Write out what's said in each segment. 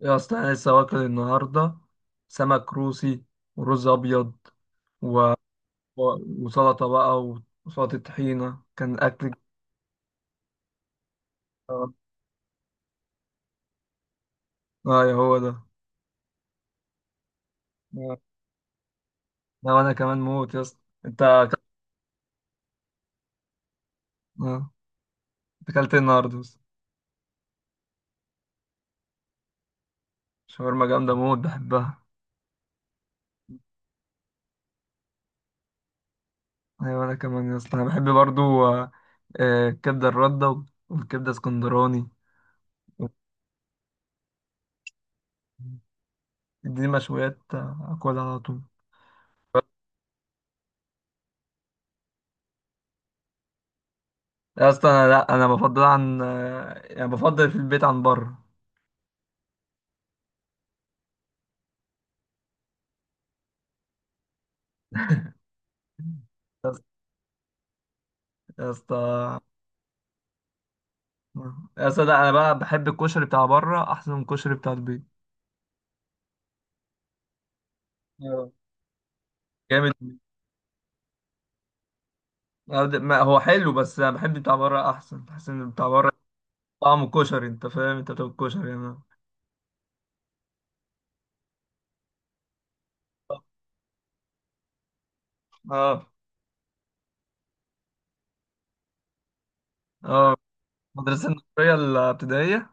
يا اسطى انا لسه واكل النهارده سمك روسي ورز ابيض و... و- وسلطه بقى. وسلطه طحينه كان اكل. اه. يا هو ده. آه. ده وانا كمان موت يا اسطى. انت أك- آه. أنت اكلت إيه النهارده يا اسطى؟ شاورما جامده موت بحبها. ايوه انا كمان يا اسطى، انا بحب برضو. الكبده الرده والكبده اسكندراني، دي مشويات اكلها على طول. يا اسطى انا لا انا بفضل عن يعني بفضل في البيت عن بره. يا اسطى، يا اسطى، يا اسطى، لا، انا بقى بحب الكشري بتاع بره احسن من الكشري بتاع البيت. آه. جامد. ما هو حلو بس انا بحب بتاع بره احسن، بحس ان بتاع بره طعمه كشري. انت فاهم انت بتاكل كشري انا. اه اه. المدرسه النصريه الابتدائيه.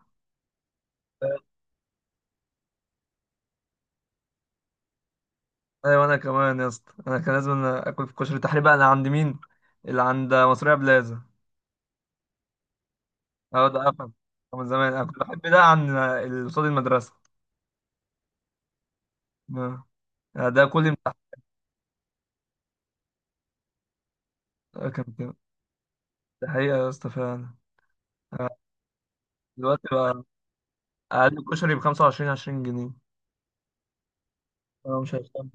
ايوه انا كمان يا اسطى، انا كان لازم أنا اكل في كشري تحريبا انا عند مين؟ اللي عند مصريه بلازا. اه ده قفل من زمان، انا كنت بحب ده عن اللي قصاد المدرسه. آه. يعني ده كل امتحان. كان كده. ده حقيقة يا اسطى فعلا. آه. دلوقتي بقى أقل كشري بخمسة وعشرين، عشرين جنيه. أنا مش هشتغل.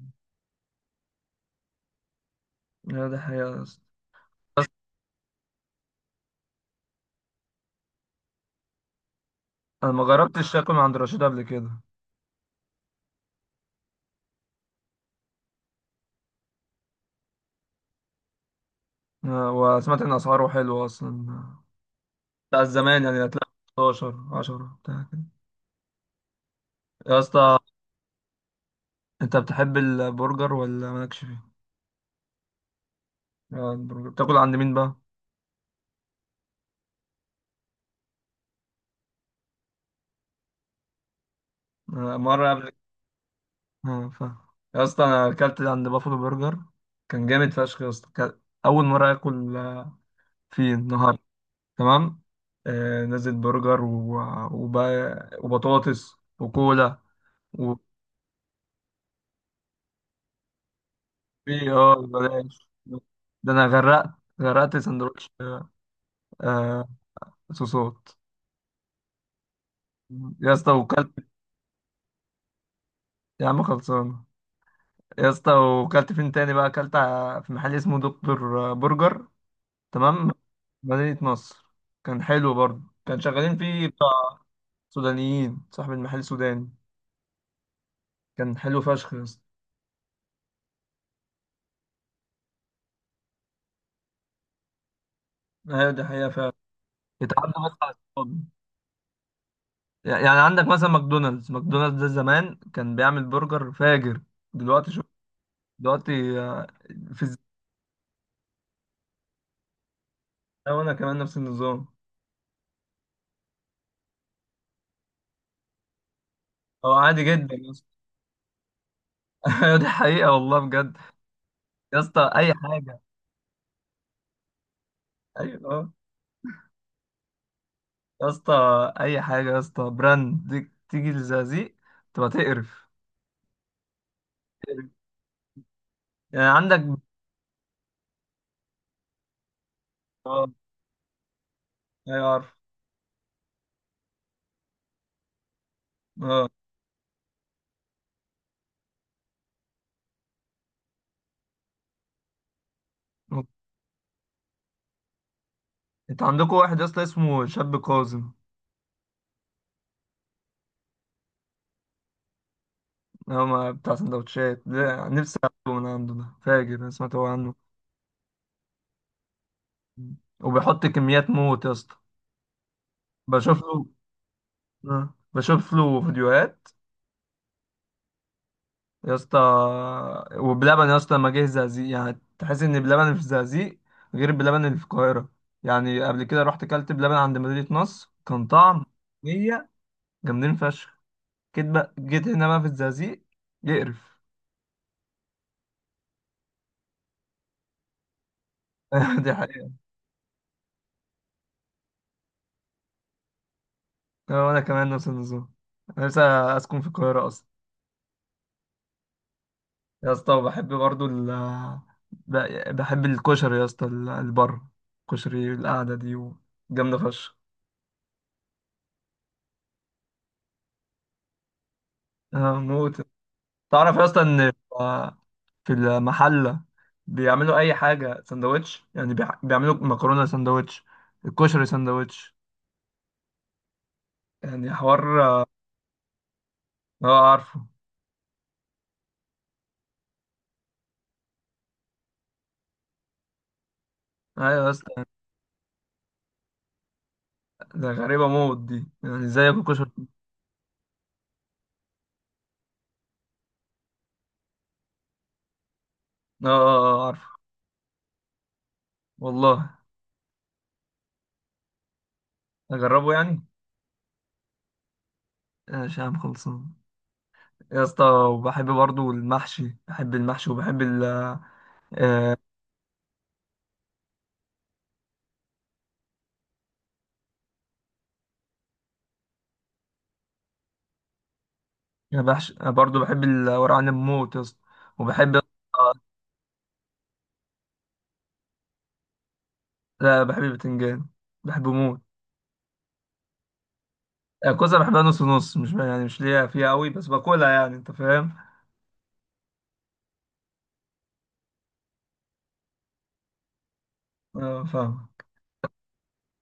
لا ده حقيقة يا اسطى. بس أنا ما جربتش آكل من عند رشيد قبل كده. وسمعت إن أسعاره حلوة أصلا، بتاع زمان يعني، هتلاقي 16 10 بتاع كده. يا اسطى أنت بتحب البرجر ولا مالكش فيه؟ البرجر بتاكل عند مين بقى؟ مرة قبل. اه فاهم. يا اسطى أنا أكلت عند بافلو برجر، كان جامد فشخ يا اسطى، كان أول مرة آكل فيه النهاردة. تمام. آه، نزل برجر وبطاطس وكولا و إيه، اه بلاش، ده انا غرقت، غرقت سندوتش. آه، صوصات. يا اسطى وكلت، يا عم خلصان. يا اسطى وكلت فين تاني بقى؟ اكلت في محل اسمه دكتور برجر. تمام. مدينة نصر. كان حلو برضه، كان شغالين فيه بتاع سودانيين، صاحب المحل سوداني. كان حلو فشخ يا اسطى. ايوه دي حقيقة فعلا. اتعدى بس على الصحاب. يعني عندك مثلا ماكدونالدز، ماكدونالدز ده زمان كان بيعمل برجر فاجر، دلوقتي شوف. دلوقتي في الزمن ده. وانا كمان نفس النظام. هو عادي جدا يا اسطى. أيوة دي حقيقة والله بجد. يا اسطى اي حاجة. ايوه اه. يا اسطى اي حاجة يا اسطى تيجي لزقازيق تبقى تقرف. تقرف. يعني عندك. اه ايوه عارف. اه انت عندكم واحد يا اسطى اسمه شاب كاظم. هو ما- بتاع سندوتشات ده، نفسي اكله من عنده، ده فاجر انا سمعت هو عنه. وبيحط كميات موت يا اسطى. بشوف له. آه. بشوف له فيديوهات. يا اسطى وبلبن، يا اسطى لما جه الزقازيق يعني تحس ان بلبن اللي في الزقازيق غير بلبن اللي في القاهرة. يعني قبل كده رحت كلت بلبن عند مدينة نصر، كان طعم، هي جامدين فشخ. جيت بقى، جيت هنا بقى في الزقازيق، يقرف. دي حقيقة. وانا كمان نفس النظام. انا لسه اسكن في القاهرة اصلا. يا اسطى وبحب برضو بحب الكشري يا اسطى، ال- البر كشري القعدة دي جامدة فشخ. موت. تعرف يا اسطى ان في المحلة بيعملوا اي حاجة سندوتش، يعني بيعملوا مكرونة سندوتش، الكشري سندوتش. يعني حوار اه. عارفه. ايوه يا اسطى. ده غريبة موت دي، يعني ازاي اكل كشري؟ اه اه عارفه. والله اجربه يعني. ماشي يا عم خلصان. يا اسطى وبحب برضو المحشي، بحب المحشي وبحب ال آه، بحش برضو بحب الورق عنب موت يا اسطى. وبحب لا بحب البتنجان، بحبه موت. الكوسة بحبها نص نص، مش يعني مش ليا فيها قوي بس باكلها يعني انت فاهم. اه فاهم.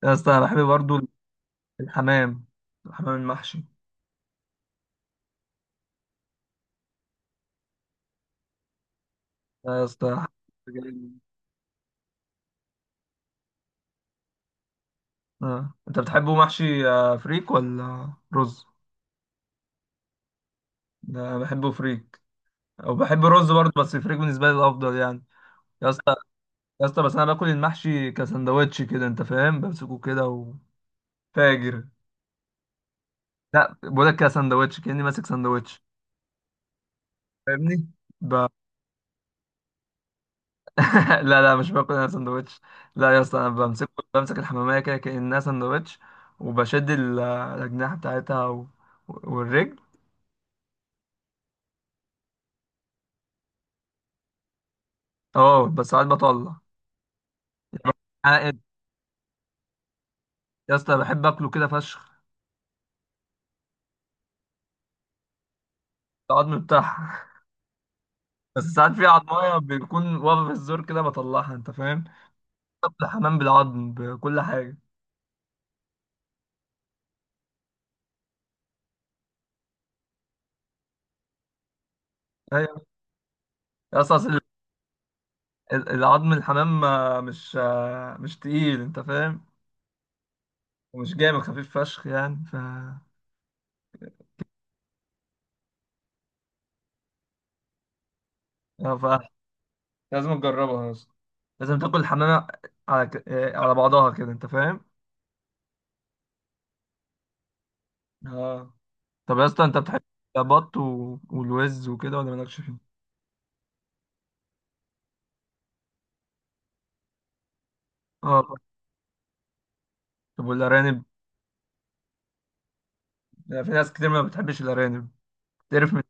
يا اسطى أنا بحب برضو الحمام، الحمام المحشي يا اسطى. جامد. اه انت بتحبه محشي فريك ولا رز؟ ده أنا بحبه فريك، او بحب الرز برضو بس الفريك بالنسبة لي الافضل يعني. يا اسطى. يا اسطى بس انا باكل المحشي كسندوتش كده انت فاهم، بمسكه كده وفاجر. لا بقول لك كسندوتش، كاني ماسك سندوتش، فاهمني؟ ب... لا مش باكل انا سندوتش. لا يا اسطى انا بمسك الحماميه كده كانها سندوتش، وبشد الاجنحه بتاعتها والرجل. اه بس ساعات بطلع عائد. يا اسطى بحب اكله كده فشخ. العظم بتاعها. بس ساعات في عضمايه بيكون واقفه في الزور كده بطلعها انت فاهم. طب الحمام بالعظم بكل حاجه. أيوة. يا اسطى أصل العظم الحمام مش تقيل انت فاهم، ومش جامد، خفيف فشخ يعني. ف لازم تجربها اصلا، لازم تاكل الحمامة على ك... آه، على بعضها كده انت فاهم. اه. طب يا اسطى انت بتحب البط والوز وكده ولا مالكش فيه؟ اه. طب والارانب؟ في ناس كتير ما بتحبش الارانب. تعرف من...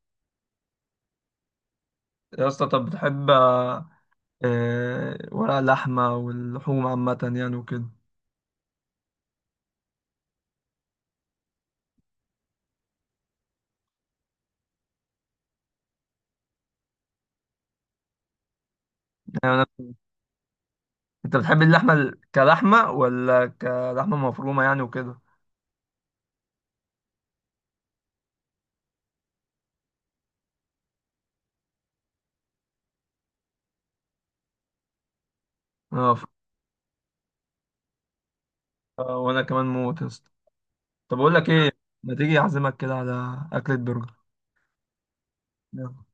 يا اسطى طب بتحب ورق اللحمة واللحوم عامة يعني وكده؟ يعني انت بتحب اللحمه كلحمه ولا كلحمه مفرومه يعني وكده؟ اه ف... وانا كمان موت يا اسطى. طب اقول لك ايه، ما تيجي اعزمك كده على اكله برجر. يلا.